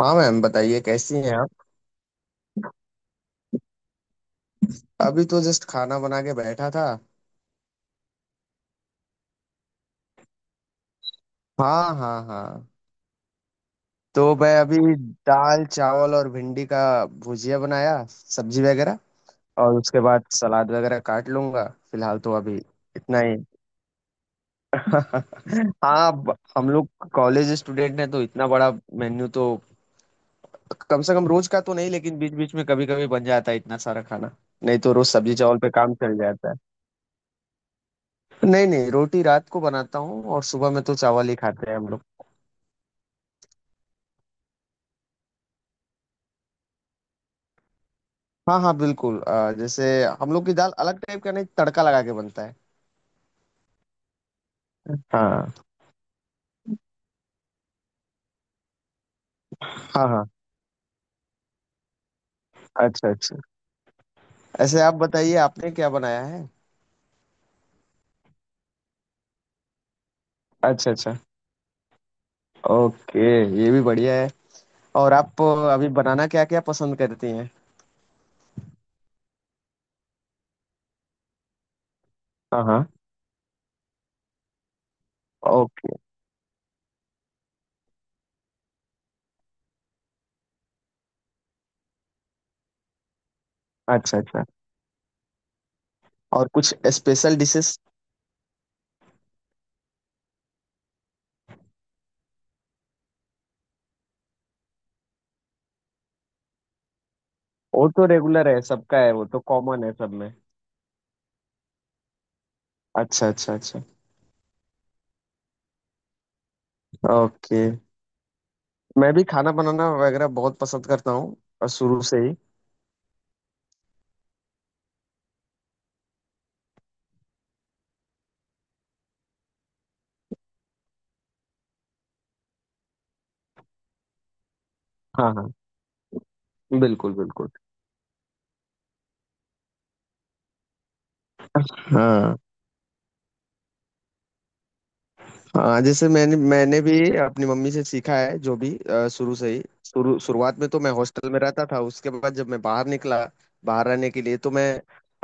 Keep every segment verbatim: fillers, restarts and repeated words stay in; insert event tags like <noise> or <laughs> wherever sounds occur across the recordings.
हाँ मैम, बताइए कैसी हैं आप। अभी तो जस्ट खाना बना के बैठा था। हाँ हाँ हाँ। तो मैं अभी दाल चावल और भिंडी का भुजिया बनाया, सब्जी वगैरह, और उसके बाद सलाद वगैरह काट लूंगा। फिलहाल तो अभी इतना ही। <laughs> हाँ, ब- हम लोग कॉलेज स्टूडेंट हैं, तो इतना बड़ा मेन्यू तो कम से कम रोज का तो नहीं, लेकिन बीच बीच में कभी कभी बन जाता है इतना सारा खाना। नहीं, तो रोज सब्जी चावल पे काम चल जाता है। नहीं नहीं, रोटी रात को बनाता हूँ, और सुबह में तो चावल ही खाते हैं हम लोग। हाँ हाँ बिल्कुल। अ, जैसे हम लोग की दाल अलग टाइप का नहीं, तड़का लगा के बनता है। हाँ हाँ हाँ। अच्छा अच्छा। ऐसे आप बताइए, आपने क्या बनाया है। अच्छा अच्छा। ओके, ये भी बढ़िया है। और आप अ, अभी बनाना क्या क्या पसंद करती हैं। हाँ हाँ। ओके। अच्छा अच्छा। और कुछ स्पेशल डिशेस। वो तो रेगुलर है, सबका है, वो तो कॉमन है सब में। अच्छा अच्छा अच्छा। ओके। मैं भी खाना बनाना वगैरह बहुत पसंद करता हूँ, और शुरू से ही। हाँ हाँ। बिल्कुल बिल्कुल। हाँ हाँ, जैसे मैंने मैंने भी अपनी मम्मी से सीखा है जो भी। अ, शुरू से ही, शुरू शुरुआत में तो मैं हॉस्टल में रहता था। उसके बाद जब मैं बाहर निकला, बाहर रहने के लिए, तो मैं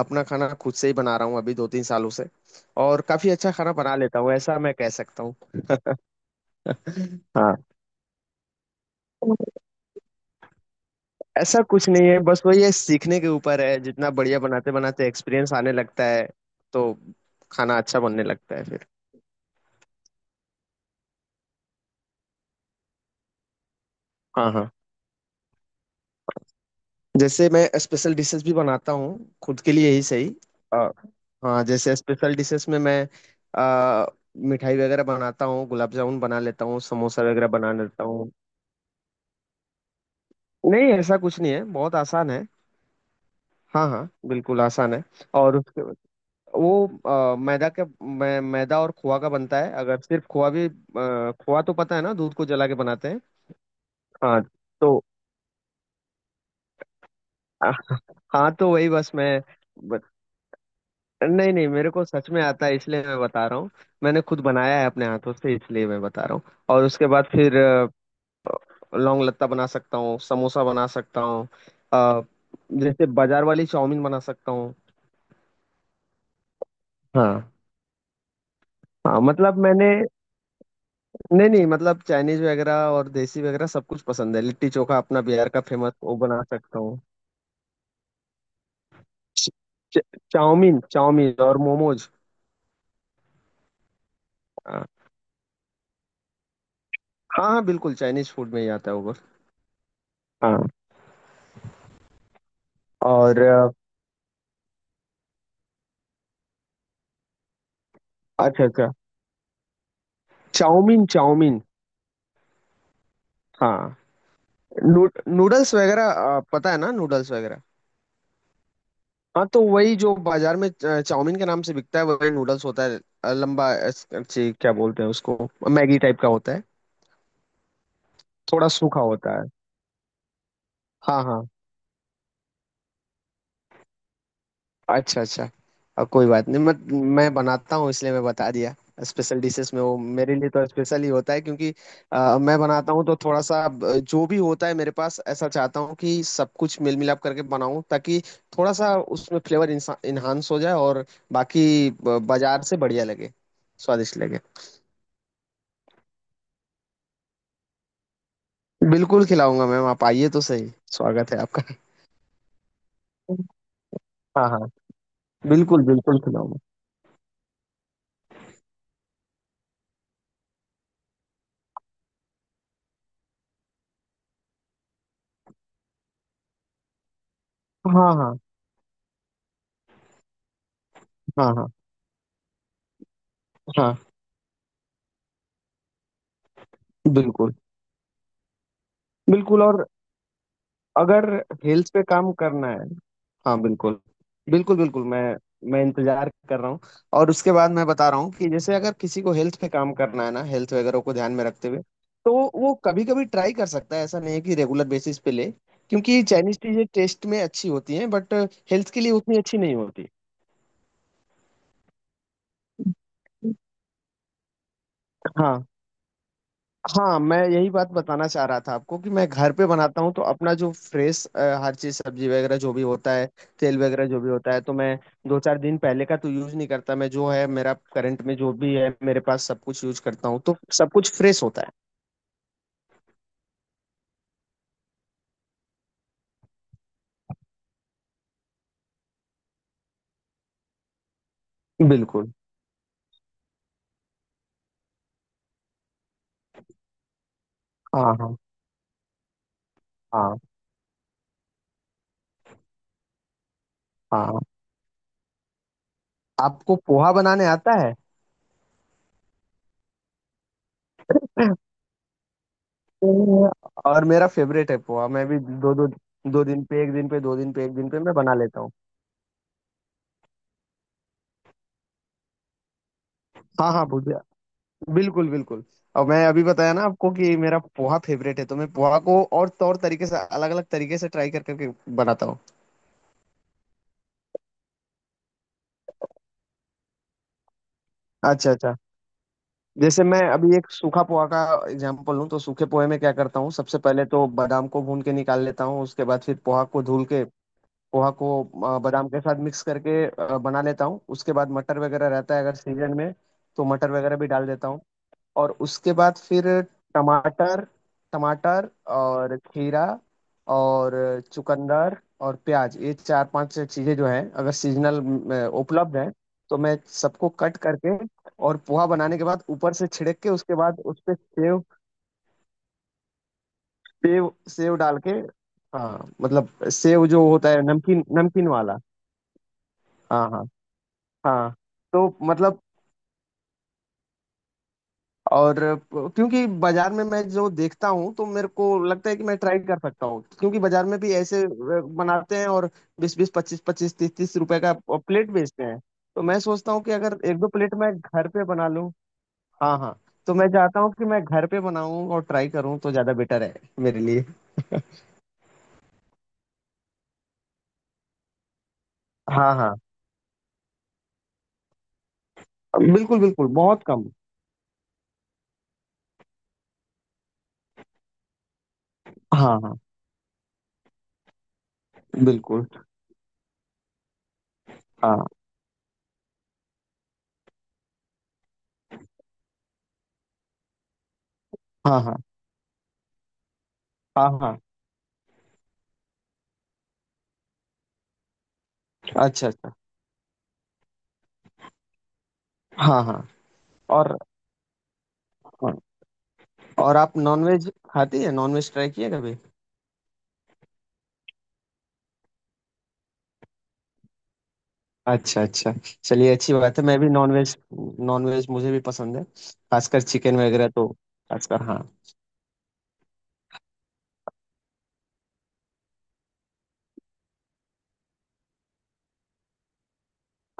अपना खाना खुद से ही बना रहा हूँ अभी दो तीन सालों से, और काफी अच्छा खाना बना लेता हूँ, ऐसा मैं कह सकता हूँ। हाँ, ऐसा कुछ नहीं है, बस वही है, सीखने के ऊपर है। जितना बढ़िया बनाते बनाते एक्सपीरियंस आने लगता है, तो खाना अच्छा बनने लगता है फिर। हाँ हाँ, जैसे मैं स्पेशल डिशेस भी बनाता हूँ, खुद के लिए ही सही। अ, हाँ, जैसे स्पेशल डिशेस में मैं अ, मिठाई वगैरह बनाता हूँ, गुलाब जामुन बना लेता हूँ, समोसा वगैरह बना लेता हूँ। नहीं, ऐसा कुछ नहीं है, बहुत आसान है। हाँ हाँ बिल्कुल आसान है। और उसके वो अ, मैदा का मै, मैदा और खोआ का बनता है। अगर सिर्फ खोआ भी, अ, खोआ तो पता है ना, दूध को जला के बनाते हैं। हाँ। तो हाँ तो वही बस मैं नहीं नहीं, मेरे को सच में आता है, इसलिए मैं बता रहा हूँ। मैंने खुद बनाया है अपने हाथों से, इसलिए मैं बता रहा हूँ। और उसके बाद फिर अ, लौंग लत्ता बना सकता हूँ, समोसा बना सकता हूँ। अ, जैसे बाजार वाली चाउमीन बना सकता हूँ। हाँ, हाँ मतलब मैंने नहीं नहीं, मतलब चाइनीज वगैरह और देसी वगैरह सब कुछ पसंद है। लिट्टी चोखा, अपना बिहार का फेमस, वो बना सकता हूँ। च- चाउमीन चाउमीन और मोमोज। हाँ। हाँ हाँ, बिल्कुल चाइनीज फूड में ही आता है वो बस। हाँ। और अ, अच्छा अच्छा। Chowmein chowmein. हाँ। नू, नूडल्स वगैरह। आ, पता है ना, नूडल्स वगैरह। हाँ, तो वही जो बाजार में च- चाउमीन के नाम से बिकता है, वही नूडल्स होता है। आ, लंबा, अच्छी, क्या बोलते हैं उसको, मैगी टाइप का होता है, थोड़ा सूखा होता है। हाँ हाँ। अच्छा अच्छा। अब कोई बात नहीं, मैं मैं बनाता हूँ, इसलिए मैं बता दिया। स्पेशल डिशेस में वो मेरे लिए तो स्पेशल ही होता है, क्योंकि अ, मैं बनाता हूँ तो थोड़ा सा अ, जो भी होता है मेरे पास, ऐसा चाहता हूँ कि सब कुछ मिल मिलाप करके बनाऊँ, ताकि थोड़ा सा उसमें फ्लेवर इन्हांस हो जाए, और बाकी ब- बाजार से बढ़िया लगे, स्वादिष्ट लगे। बिल्कुल खिलाऊंगा मैम, आप आइए तो सही, स्वागत है आपका। हाँ हाँ। बिल्कुल बिल्कुल खिलाऊंगा। हाँ हाँ हाँ हाँ हाँ। बिल्कुल बिल्कुल। और अगर हिल्स पे काम करना है। हाँ बिल्कुल। बिल्कुल बिल्कुल, मैं मैं इंतजार कर रहा हूँ। और उसके बाद मैं बता रहा हूँ कि जैसे अगर किसी को हेल्थ पे काम करना है ना, हेल्थ वगैरह को ध्यान में रखते हुए, तो वो कभी कभी ट्राई कर सकता है। ऐसा नहीं है कि रेगुलर बेसिस पे ले, क्योंकि चाइनीज चीजें टेस्ट में अच्छी होती हैं, बट हेल्थ के लिए उतनी अच्छी नहीं होती। हाँ हाँ, मैं यही बात बताना चाह रहा था आपको, कि मैं घर पे बनाता हूँ तो अपना जो फ्रेश, हर चीज सब्जी वगैरह जो भी होता है, तेल वगैरह जो भी होता है, तो मैं दो चार दिन पहले का तो यूज नहीं करता। मैं जो है मेरा करंट में, जो भी है मेरे पास, सब कुछ यूज करता हूँ, तो सब कुछ फ्रेश होता है। बिल्कुल। हाँ हाँ हाँ हाँ। आपको पोहा बनाने आता है। <coughs> पोहा- और मेरा फेवरेट है पोहा। मैं भी दो दो दो दिन पे एक दिन पे, दो दिन पे एक दिन पे मैं बना लेता हूँ। हाँ हाँ भुजिया, बिल्कुल बिल्कुल। और मैं अभी बताया ना आपको, कि मेरा पोहा फेवरेट है, तो मैं पोहा को और तौर तरीके से, अलग अलग तरीके से ट्राई कर करके बनाता हूँ। अच्छा अच्छा, जैसे मैं अभी एक सूखा पोहा का एग्जांपल लूँ, तो सूखे पोहे में क्या करता हूँ, सबसे पहले तो बादाम को भून के निकाल लेता हूँ। उसके बाद फिर पोहा को धुल के, पोहा को अ, बादाम के साथ मिक्स करके अ, बना लेता हूँ। उसके बाद मटर वगैरह रहता है अगर सीजन में, तो मटर वगैरह भी डाल देता हूँ। और उसके बाद फिर टमाटर टमाटर और खीरा और चुकंदर और प्याज, ये चार पांच चीजें जो हैं, अगर सीजनल उपलब्ध हैं, तो मैं सबको कट करके और पोहा बनाने के बाद ऊपर से छिड़क के, उसके बाद उस पे सेव, सेव सेव डाल के। हाँ मतलब सेव जो होता है, नमकीन, नमकीन वाला। हाँ हाँ। हाँ तो मतलब, और प- क्योंकि बाजार में मैं जो देखता हूँ, तो मेरे को लगता है कि मैं ट्राई कर सकता हूँ, क्योंकि बाजार में भी ऐसे अ, बनाते हैं और बीस बीस, पच्चीस पच्चीस, तीस तीस रुपए का प्लेट बेचते हैं। तो मैं सोचता हूँ कि अगर एक दो प्लेट मैं घर पे बना लूँ। हाँ हाँ, तो मैं चाहता हूँ कि मैं घर पे बनाऊँ और ट्राई करूँ, तो ज्यादा बेटर है मेरे लिए। हाँ हाँ बिल्कुल बिल्कुल, बहुत कम। हाँ हाँ बिल्कुल। हाँ हाँ हाँ हाँ हाँ। अच्छा अच्छा। हाँ हाँ। और और आप नॉनवेज खाती है नॉनवेज ट्राई किए कभी। अच्छा अच्छा, चलिए अच्छी बात है, मैं भी नॉनवेज, नॉनवेज मुझे भी पसंद है, खासकर चिकन वगैरह तो, खासकर हाँ।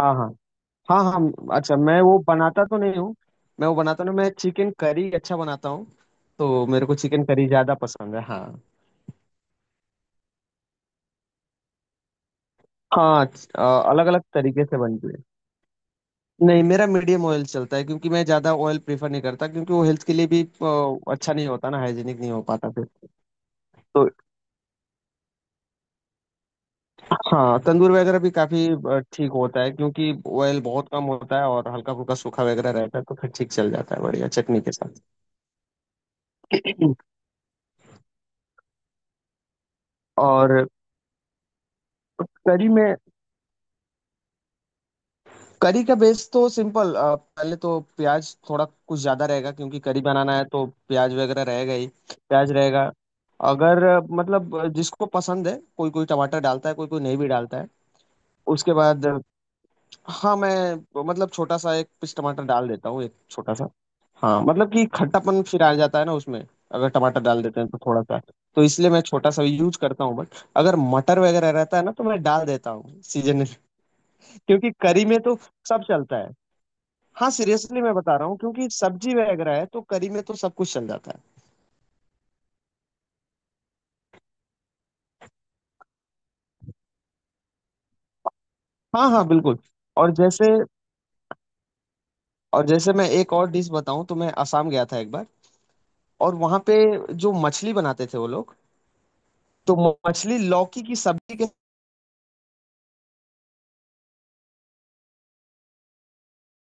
हाँ हाँ हाँ हाँ, अच्छा मैं वो बनाता तो नहीं हूँ। मैं वो बनाता नहीं, मैं चिकन करी अच्छा बनाता हूँ, तो मेरे को चिकन करी ज़्यादा पसंद है। हाँ हाँ, अलग अलग तरीके से बनती है। नहीं, मेरा मीडियम ऑयल चलता है, क्योंकि मैं ज़्यादा ऑयल प्रेफर नहीं करता, क्योंकि वो हेल्थ के लिए भी अ, अच्छा नहीं होता ना, हाइजीनिक नहीं हो पाता फिर। तो हाँ, तंदूर वगैरह भी काफी अ, ठीक होता है, क्योंकि ऑयल बहुत कम होता है, और हल्का फुल्का सूखा वगैरह रहता है, तो फिर ठीक चल जाता है बढ़िया चटनी के साथ। <clears throat> और करी में, करी का बेस तो सिंपल, अ, पहले तो प्याज थोड़ा कुछ ज्यादा रहेगा, क्योंकि करी बनाना है तो प्याज वगैरह रहेगा ही। प्याज रहेगा। अगर अ, मतलब अ, जिसको पसंद है, कोई कोई टमाटर डालता है, कोई कोई नहीं भी डालता है। उसके बाद अ, हाँ, मैं मतलब छोटा सा एक पीस टमाटर डाल देता हूँ, एक छोटा सा। हाँ मतलब, कि खट्टापन फिर आ जाता है ना उसमें, अगर टमाटर डाल देते हैं, तो थोड़ा सा, तो इसलिए मैं छोटा सा यूज करता हूँ। बट अगर मटर वगैरह रहता है ना, तो मैं डाल देता हूँ सीजन <laughs> क्योंकि करी में तो सब चलता है। हाँ सीरियसली मैं बता रहा हूँ, क्योंकि सब्जी वगैरह है तो करी में तो सब कुछ चल जाता है। हाँ हाँ बिल्कुल। और जैसे और जैसे मैं एक और डिश बताऊँ, तो मैं असम गया था एक बार, और वहाँ पे जो मछली बनाते थे वो लोग, तो मछली लौकी की सब्जी के